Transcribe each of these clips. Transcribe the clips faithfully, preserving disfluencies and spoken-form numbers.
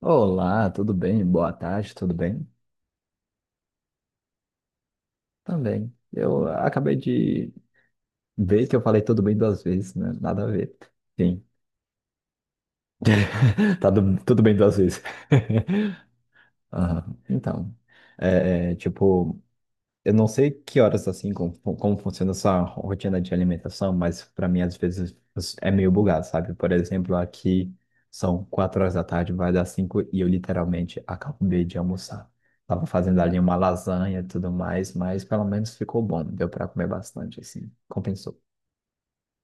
Olá, tudo bem? Boa tarde, tudo bem? Também. Eu acabei de ver que eu falei tudo bem duas vezes, né? Nada a ver. Sim, tá du- tudo bem duas vezes. Aham. Então, é, é, tipo, eu não sei que horas assim, como, como funciona essa rotina de alimentação, mas para mim às vezes é meio bugado, sabe? Por exemplo, aqui são quatro horas da tarde, vai dar cinco e eu literalmente acabei de almoçar. Tava fazendo ali uma lasanha e tudo mais, mas pelo menos ficou bom, deu para comer bastante, assim, compensou.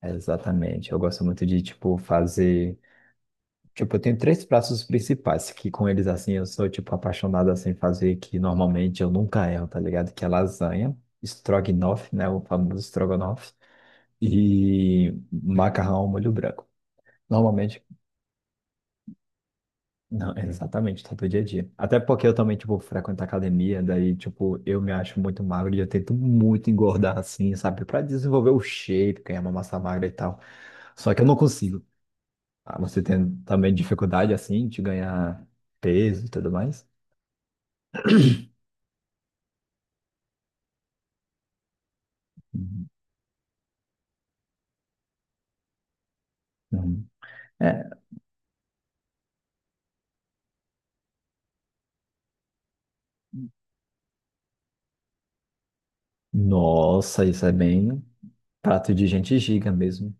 É, exatamente. Eu gosto muito de, tipo, fazer. Tipo, eu tenho três pratos principais, que com eles, assim, eu sou, tipo, apaixonado, assim, fazer, que normalmente eu nunca erro, tá ligado? Que é lasanha, estrogonofe, né, o famoso estrogonofe, e macarrão ao molho branco. Normalmente, não, exatamente, tá do dia a dia. Até porque eu também, tipo, frequento academia, daí, tipo, eu me acho muito magro e eu tento muito engordar, assim, sabe? Pra desenvolver o shape, ganhar uma massa magra e tal. Só que eu não consigo. Ah, você tem também dificuldade, assim, de ganhar peso e tudo mais? Uhum. É, nossa, isso é bem prato de gente giga mesmo.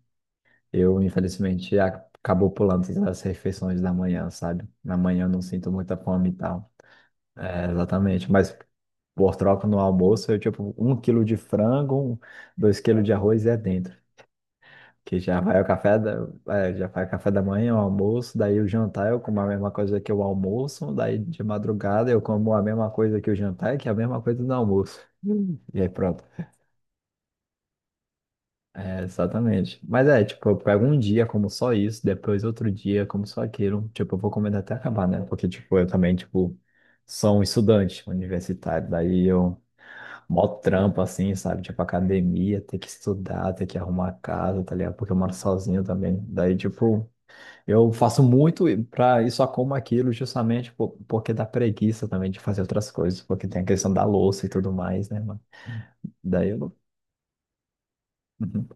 Eu, infelizmente, ac- acabou pulando as refeições da manhã, sabe? Na manhã eu não sinto muita fome e tal. É, exatamente. Mas por troca no almoço, eu tipo, um quilo de frango, um- dois quilos de arroz e é dentro. Que já vai o café da, é, já vai o café da manhã, o almoço, daí o jantar eu como a mesma coisa que o almoço, daí de madrugada eu como a mesma coisa que o jantar, que é a mesma coisa do almoço. Hum. E aí pronto. É, exatamente. Mas é, tipo, eu pego um dia como só isso, depois outro dia como só aquilo. Tipo, eu vou comendo até acabar, né? Porque, tipo, eu também, tipo, sou um estudante universitário. Daí eu, mó trampo, assim, sabe? Tipo, academia, ter que estudar, ter que arrumar a casa, tá ligado? Porque eu moro sozinho também. Daí, tipo, eu faço muito e- pra isso, só como aquilo, justamente por- porque dá preguiça também de fazer outras coisas. Porque tem a questão da louça e tudo mais, né, mano? Daí eu não. Uhum.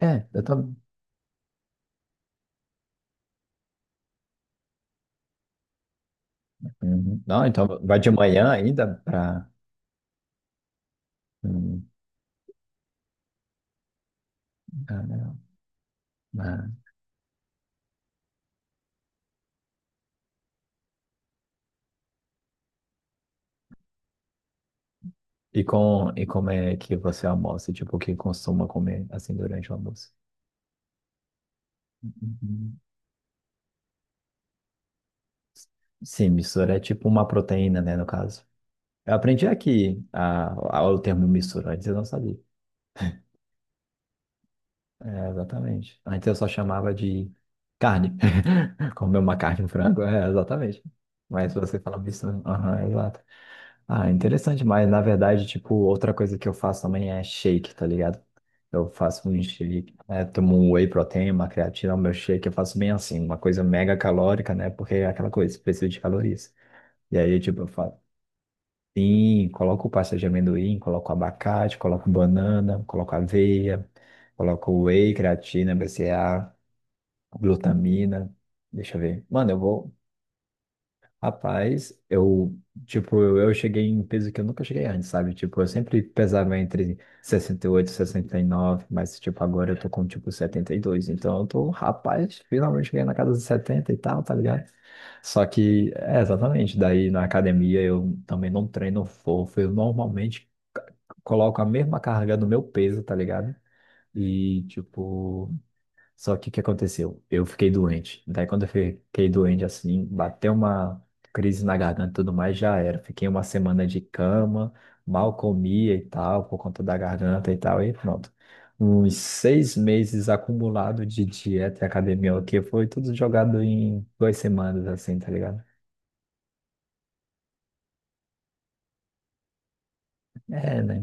É, eu tô. Uhum. Não, então vai de manhã ainda para. Hum. Ah. E com e como é que você almoça? Tipo, o que costuma comer assim durante o almoço? Uhum. Sim, mistura é tipo uma proteína, né, no caso. Eu aprendi aqui a, a- o termo mistura, antes eu não sabia. É, exatamente. Antes eu só chamava de carne. Comer uma carne, um frango, é, exatamente. Mas você fala mistura, aham, exato. Ah, interessante, mas na verdade, tipo, outra coisa que eu faço também é shake, tá ligado? Eu faço um shake, é, tomo um whey protein, uma creatina, o meu shake eu faço bem assim, uma coisa mega calórica, né? Porque é aquela coisa, preciso de calorias. E aí, tipo, eu faço sim, coloco pasta de amendoim, coloco abacate, coloco banana, coloco aveia, coloco whey, creatina, B C A, glutamina. Deixa eu ver. Mano, eu vou Rapaz, eu, tipo, eu, eu cheguei em peso que eu nunca cheguei antes, sabe? Tipo, eu sempre pesava entre sessenta e oito e sessenta e nove mas, tipo, agora eu tô com, tipo, setenta e dois Então, eu tô, rapaz, finalmente cheguei na casa dos setenta e tal, tá ligado? Só que, é, exatamente, daí na academia eu também não treino fofo, eu normalmente coloco a mesma carga do meu peso, tá ligado? E, tipo, só que o que aconteceu? Eu fiquei doente. Daí quando eu fiquei doente assim, bateu uma crise na garganta e tudo mais, já era. Fiquei uma semana de cama, mal comia e tal, por conta da garganta e tal, e pronto. Uns seis meses acumulado de dieta e academia, o que foi tudo jogado em duas semanas, assim, tá ligado? É, né?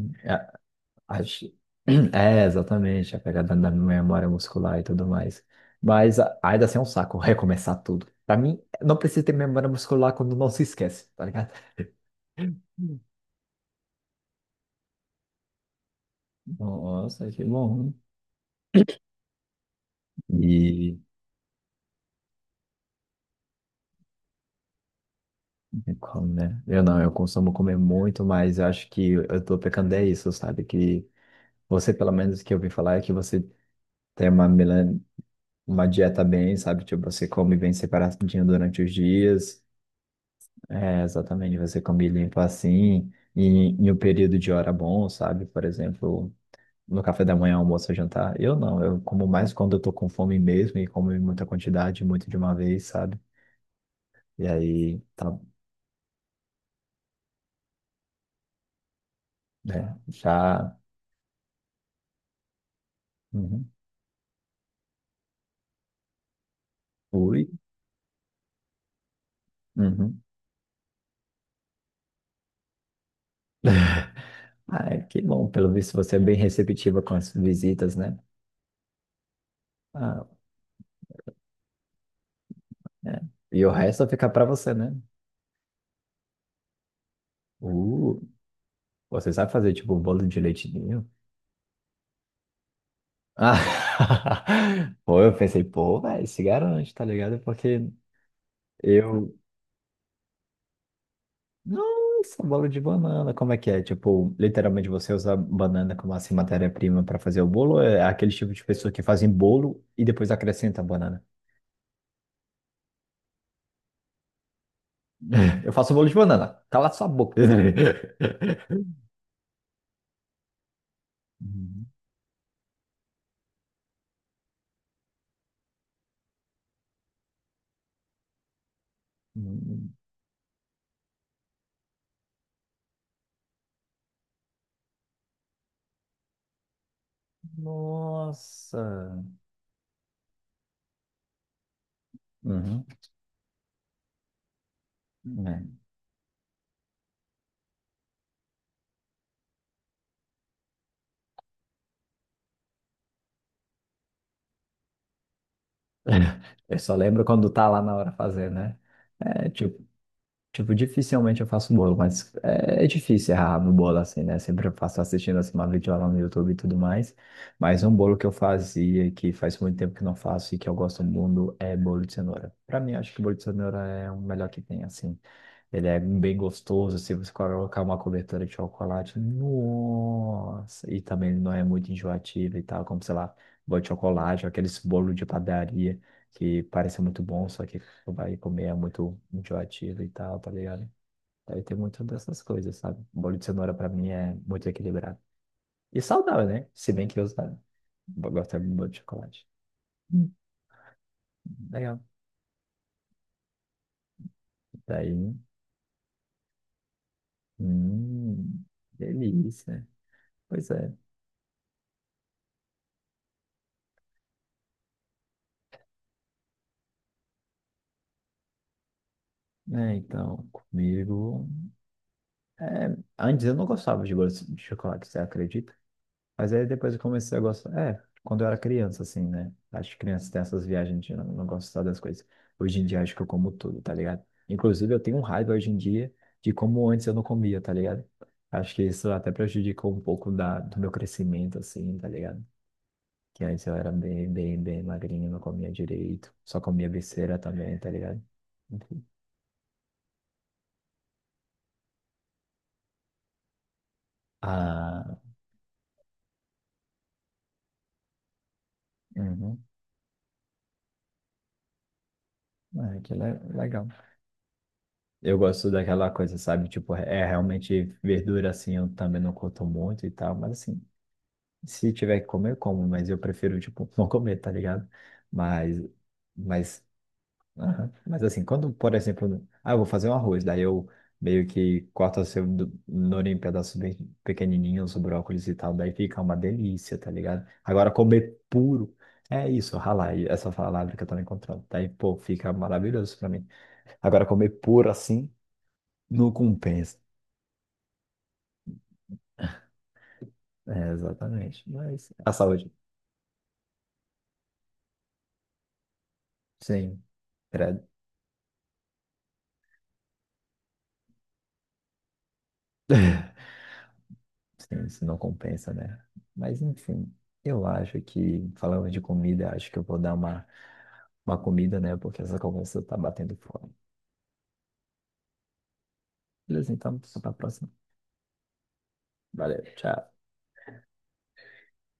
Acho... É, exatamente, a pegada da memória muscular e tudo mais. Mas a- ainda assim é um saco recomeçar tudo. Pra mim, não precisa ter memória muscular quando não se esquece, tá ligado? Hum. Nossa, que bom. E e como, né? Eu não, eu consumo comer muito, mas eu acho que eu tô pecando é isso, sabe? Que você, pelo menos que eu ouvi falar, é que você tem uma, milan- uma dieta bem, sabe? Tipo, você come bem separadinho durante os dias. É, exatamente, você come limpo assim, e em um período de hora bom, sabe? Por exemplo, no café da manhã, almoço, jantar. Eu não, eu como mais quando eu tô com fome mesmo, e como em muita quantidade, muito de uma vez, sabe? E aí, tá, né, já... Uhum. Ui, uhum. Ah, é, que bom, pelo visto você é bem receptiva com as visitas, né? Ah, é. E o resto fica pra você, né? Uh, Você sabe fazer, tipo, um bolo de leite ninho? Ah, pô, eu pensei, pô, velho, se garante, tá ligado? Porque eu. Nossa, bolo de banana, como é que é? Tipo, literalmente você usa banana como assim matéria-prima pra fazer o bolo? Ou é aquele tipo de pessoa que fazem bolo e depois acrescenta banana. Eu faço bolo de banana, cala sua boca. Uhum. Uhum. Nossa. Uhum. É. Eu só lembro quando tá lá na hora fazer, né? É tipo, Tipo, dificilmente eu faço bolo, mas é, é difícil errar no bolo assim, né? Sempre eu faço assistindo assim uma videoaula no YouTube e tudo mais. Mas um bolo que eu fazia, que faz muito tempo que não faço e que eu gosto muito, é bolo de cenoura. Pra mim, acho que bolo de cenoura é o melhor que tem, assim. Ele é bem gostoso, se você colocar uma cobertura de chocolate, nossa! E também ele não é muito enjoativo e tal, como, sei lá, bolo de chocolate, ou aqueles bolos de padaria que parecem muito bons, só que o vai comer é muito enjoativo e tal, tá ligado? Aí tem muito dessas coisas, sabe? O bolo de cenoura pra mim é muito equilibrado. E saudável, né? Se bem que eu sa- gosto de bolo de chocolate. Hum. Legal. Daí, hum, delícia. Pois é. É, então, comigo. É, antes eu não gostava de bolo de chocolate, você acredita? Mas aí depois eu comecei a gostar. É, quando eu era criança, assim, né? Acho que criança tem essas viagens de não, não gostar das coisas. Hoje em dia acho que eu como tudo, tá ligado? Inclusive eu tenho um raiva hoje em dia de como antes eu não comia, tá ligado? Acho que isso até prejudicou um pouco da, do meu crescimento, assim, tá ligado? Que antes eu era bem, bem, bem magrinho, não comia direito. Só comia besteira também, tá ligado? Enfim. Ah, uhum. É, que le- legal. Eu gosto daquela coisa, sabe? Tipo, é realmente verdura assim, eu também não curto muito e tal, mas assim, se tiver que comer, eu como, mas eu prefiro, tipo, não comer, tá ligado? Mas, mas, aham. Mas assim, quando, por exemplo, ah, eu vou fazer um arroz, daí eu meio que corto assim, o cenoura em pedaços bem pequenininhos, brócolis e tal, daí fica uma delícia, tá ligado? Agora, comer puro. É isso, ralai, essa palavra que eu tô encontrando. Daí, pô, fica maravilhoso pra mim. Agora, comer puro assim, não compensa. É, exatamente. Mas a saúde, sim, credo. Sim, isso não compensa, né? Mas enfim, eu acho que, falando de comida, acho que eu vou dar uma, uma comida, né? Porque essa conversa tá batendo fome. Beleza, então, até a próxima. Valeu, tchau.